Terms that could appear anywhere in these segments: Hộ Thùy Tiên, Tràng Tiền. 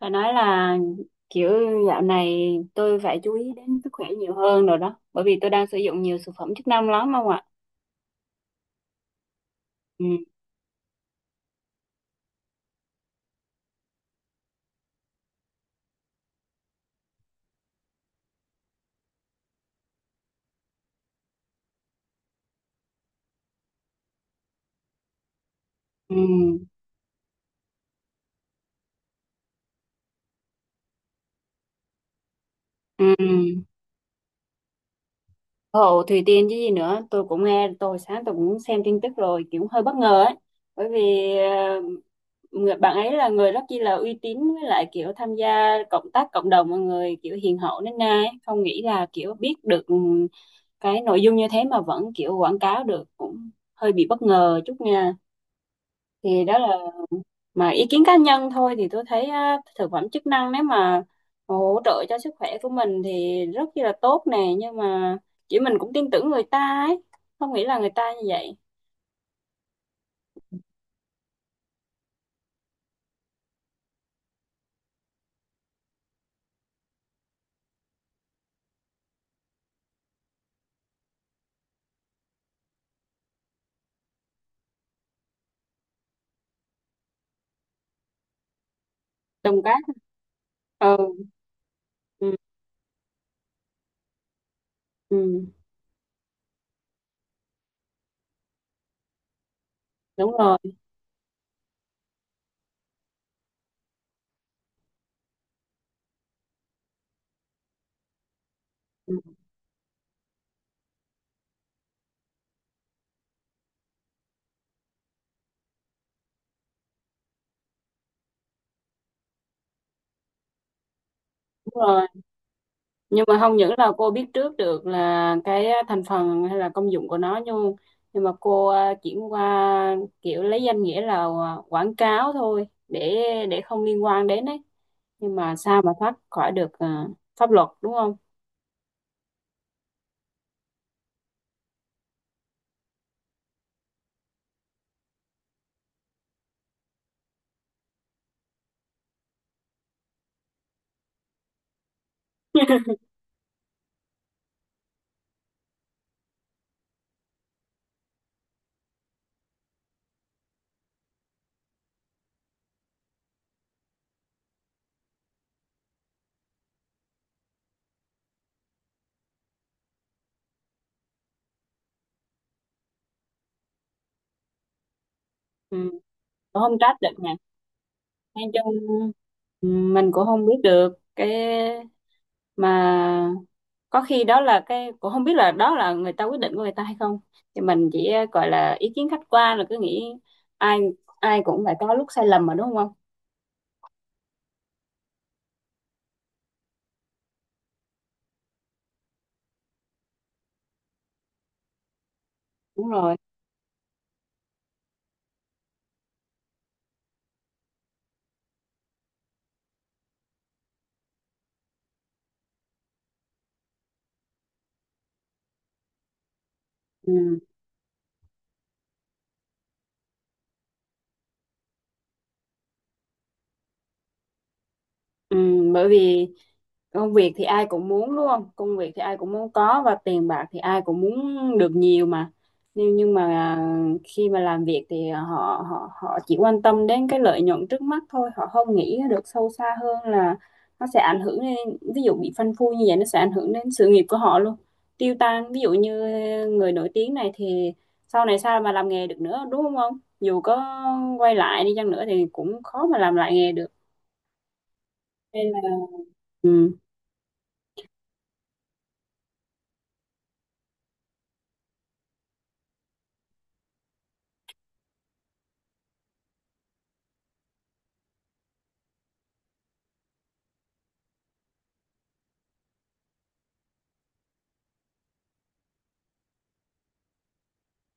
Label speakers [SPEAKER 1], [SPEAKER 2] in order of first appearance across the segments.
[SPEAKER 1] Phải nói là kiểu dạo này tôi phải chú ý đến sức khỏe nhiều hơn rồi đó. Bởi vì tôi đang sử dụng nhiều thực phẩm chức năng lắm không ạ? Ừ, ừ, ừ. Hộ Thùy Tiên chứ gì nữa. Tôi cũng nghe, tôi sáng tôi cũng xem tin tức rồi, kiểu hơi bất ngờ ấy. Bởi vì người bạn ấy là người rất chi là uy tín, với lại kiểu tham gia cộng tác cộng đồng mọi người kiểu hiền hậu, nên nay không nghĩ là kiểu biết được cái nội dung như thế mà vẫn kiểu quảng cáo được, cũng hơi bị bất ngờ chút nha. Thì đó là, mà ý kiến cá nhân thôi, thì tôi thấy á, thực phẩm chức năng nếu mà hỗ trợ cho sức khỏe của mình thì rất chi là tốt nè, nhưng mà chỉ mình cũng tin tưởng người ta ấy, không nghĩ là người ta như vậy. Đồng cát. Ừ, ừ, ừ. Đúng rồi. Ừ, đúng rồi, nhưng mà không những là cô biết trước được là cái thành phần hay là công dụng của nó, nhưng mà cô chuyển qua kiểu lấy danh nghĩa là quảng cáo thôi, để không liên quan đến ấy, nhưng mà sao mà thoát khỏi được pháp luật đúng không. Ừ. Cũng không trách được nè. Nói chung ừ, mình cũng không biết được cái, mà có khi đó là cái, cũng không biết là đó là người ta quyết định của người ta hay không, thì mình chỉ gọi là ý kiến khách quan là cứ nghĩ ai ai cũng phải có lúc sai lầm mà đúng không. Đúng rồi. Ừ. Ừ, bởi vì công việc thì ai cũng muốn đúng không? Công việc thì ai cũng muốn có, và tiền bạc thì ai cũng muốn được nhiều mà. Nhưng mà khi mà làm việc thì họ họ họ chỉ quan tâm đến cái lợi nhuận trước mắt thôi, họ không nghĩ được sâu xa hơn là nó sẽ ảnh hưởng đến, ví dụ bị phanh phui như vậy, nó sẽ ảnh hưởng đến sự nghiệp của họ luôn. Tiêu tan. Ví dụ như người nổi tiếng này thì sau này sao mà làm nghề được nữa, đúng không ông? Dù có quay lại đi chăng nữa thì cũng khó mà làm lại nghề được. Nên là ừ.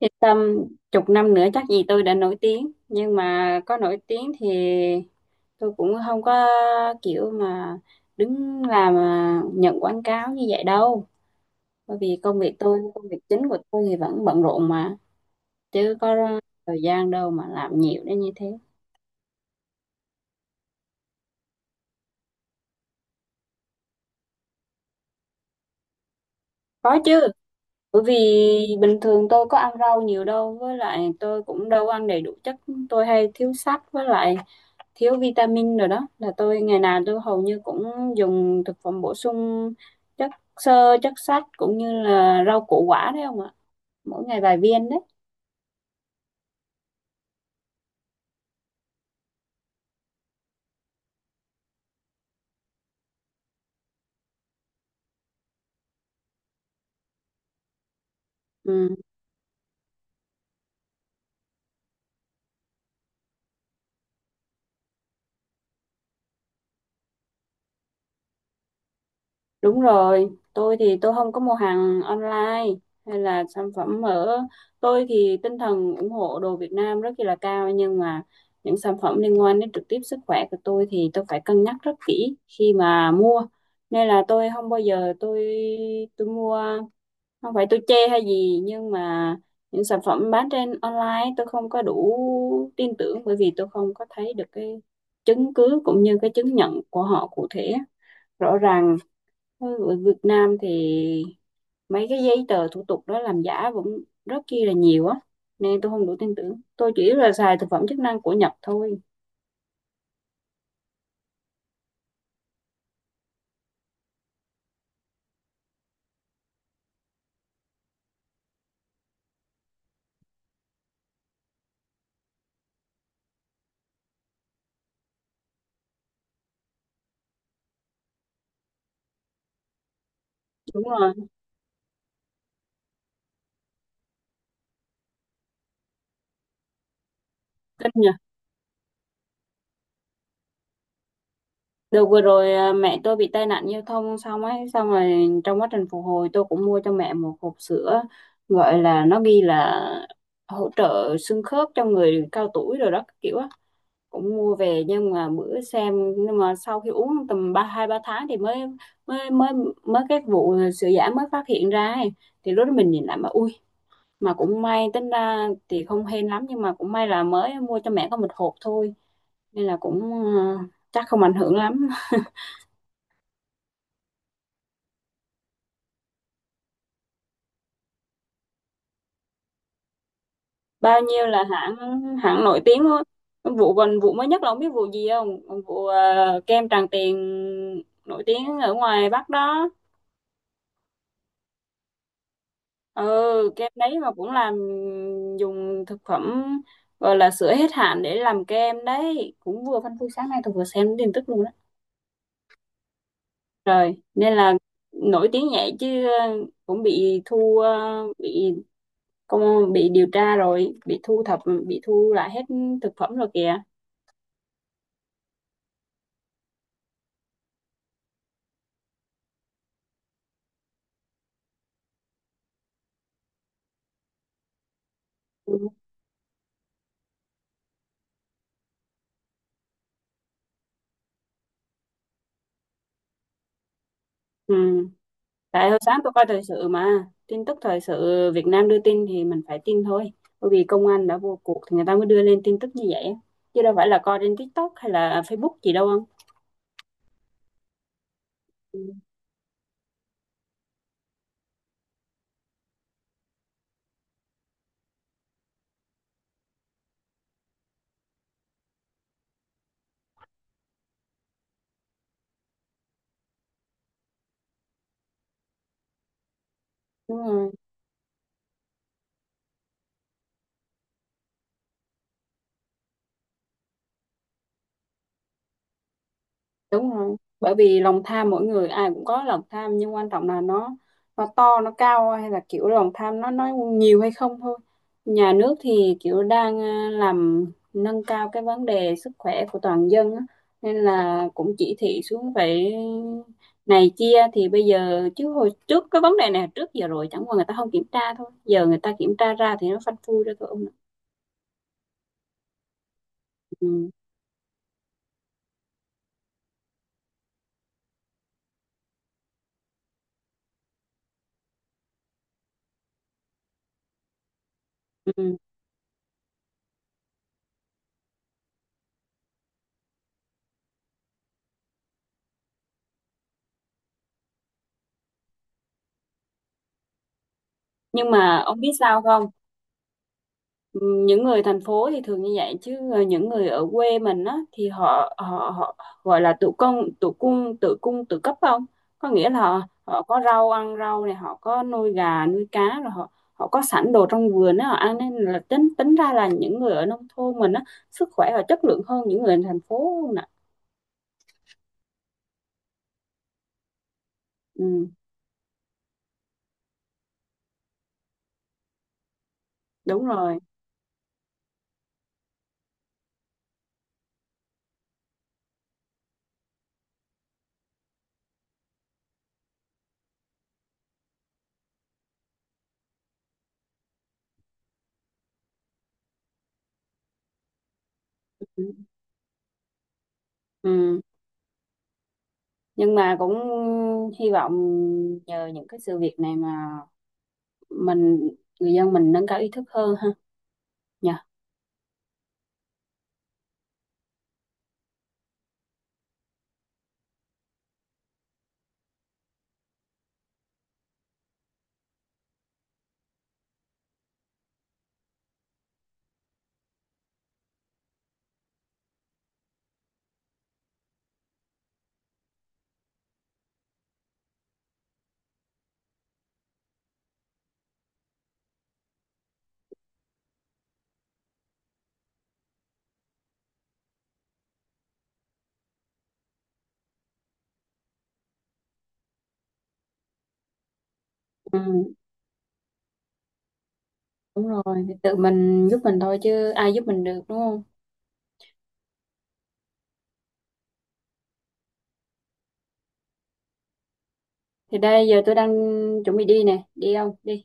[SPEAKER 1] Yên tâm, chục năm nữa chắc gì tôi đã nổi tiếng. Nhưng mà có nổi tiếng thì tôi cũng không có kiểu mà đứng làm nhận quảng cáo như vậy đâu. Bởi vì công việc tôi, công việc chính của tôi thì vẫn bận rộn mà. Chứ có thời gian đâu mà làm nhiều đến như thế. Có chứ, bởi vì bình thường tôi có ăn rau nhiều đâu, với lại tôi cũng đâu ăn đầy đủ chất, tôi hay thiếu sắt, với lại thiếu vitamin rồi đó, là tôi ngày nào tôi hầu như cũng dùng thực phẩm bổ sung chất xơ, chất sắt cũng như là rau củ quả đấy không ạ, mỗi ngày vài viên đấy. Ừ. Đúng rồi, tôi thì tôi không có mua hàng online hay là sản phẩm ở, tôi thì tinh thần ủng hộ đồ Việt Nam rất là cao, nhưng mà những sản phẩm liên quan đến trực tiếp sức khỏe của tôi thì tôi phải cân nhắc rất kỹ khi mà mua, nên là tôi không bao giờ tôi mua. Không phải tôi chê hay gì, nhưng mà những sản phẩm bán trên online tôi không có đủ tin tưởng, bởi vì tôi không có thấy được cái chứng cứ cũng như cái chứng nhận của họ cụ thể rõ ràng. Ở Việt Nam thì mấy cái giấy tờ thủ tục đó làm giả vẫn rất chi là nhiều á, nên tôi không đủ tin tưởng, tôi chỉ là xài thực phẩm chức năng của Nhật thôi. Đúng rồi. Kinh nhỉ. Được, vừa rồi mẹ tôi bị tai nạn giao thông xong ấy, xong rồi trong quá trình phục hồi tôi cũng mua cho mẹ một hộp sữa, gọi là nó ghi là hỗ trợ xương khớp cho người cao tuổi rồi đó các kiểu á, cũng mua về, nhưng mà bữa xem, nhưng mà sau khi uống tầm ba hai ba tháng thì mới mới mới mới cái vụ sữa giả mới phát hiện ra ấy. Thì lúc đó mình nhìn lại mà ui, mà cũng may, tính ra thì không hên lắm, nhưng mà cũng may là mới mua cho mẹ có một hộp thôi, nên là cũng ờ, chắc không ảnh hưởng lắm. Bao nhiêu là hãng, hãng nổi tiếng thôi. Vụ, còn vụ mới nhất là không biết vụ gì không, vụ kem Tràng Tiền nổi tiếng ở ngoài Bắc đó. Ừ, kem đấy mà cũng làm, dùng thực phẩm, gọi là sữa hết hạn để làm kem đấy, cũng vừa phanh phui sáng nay tôi vừa xem tin tức luôn đó. Rồi nên là nổi tiếng vậy chứ cũng bị công, bị điều tra rồi bị thu thập, bị thu lại hết thực phẩm rồi kìa. Ừ. Ừ. Tại hồi sáng tôi coi thời sự, mà tin tức thời sự Việt Nam đưa tin thì mình phải tin thôi, bởi vì công an đã vô cuộc thì người ta mới đưa lên tin tức như vậy, chứ đâu phải là coi trên TikTok hay là Facebook gì đâu không. Ừ. Đúng rồi. Đúng rồi, bởi vì lòng tham mỗi người ai cũng có lòng tham, nhưng quan trọng là nó to nó cao hay là kiểu lòng tham nó nhiều hay không thôi. Nhà nước thì kiểu đang làm nâng cao cái vấn đề sức khỏe của toàn dân á, nên là cũng chỉ thị xuống phải này kia. Thì bây giờ, chứ hồi trước cái vấn đề này trước giờ rồi, chẳng qua người ta không kiểm tra thôi, giờ người ta kiểm tra ra thì nó phanh phui ra thôi ông ạ. Ừ. Ừ. Nhưng mà ông biết sao không, ừ, những người thành phố thì thường như vậy, chứ những người ở quê mình á thì họ họ họ gọi là tự cung tự cấp không, có nghĩa là họ, họ có rau ăn rau này, họ có nuôi gà nuôi cá, rồi họ họ có sẵn đồ trong vườn á họ ăn, nên là tính tính ra là những người ở nông thôn mình á sức khỏe và chất lượng hơn những người ở thành phố nè. Ừ, đúng rồi. Ừ. Ừ. Nhưng mà cũng hy vọng nhờ những cái sự việc này mà mình, người dân mình nâng cao ý thức hơn ha, nhờ. Ừ, đúng rồi, thì tự mình giúp mình thôi chứ ai giúp mình được đúng không? Thì đây giờ tôi đang chuẩn bị đi nè, đi không? Đi.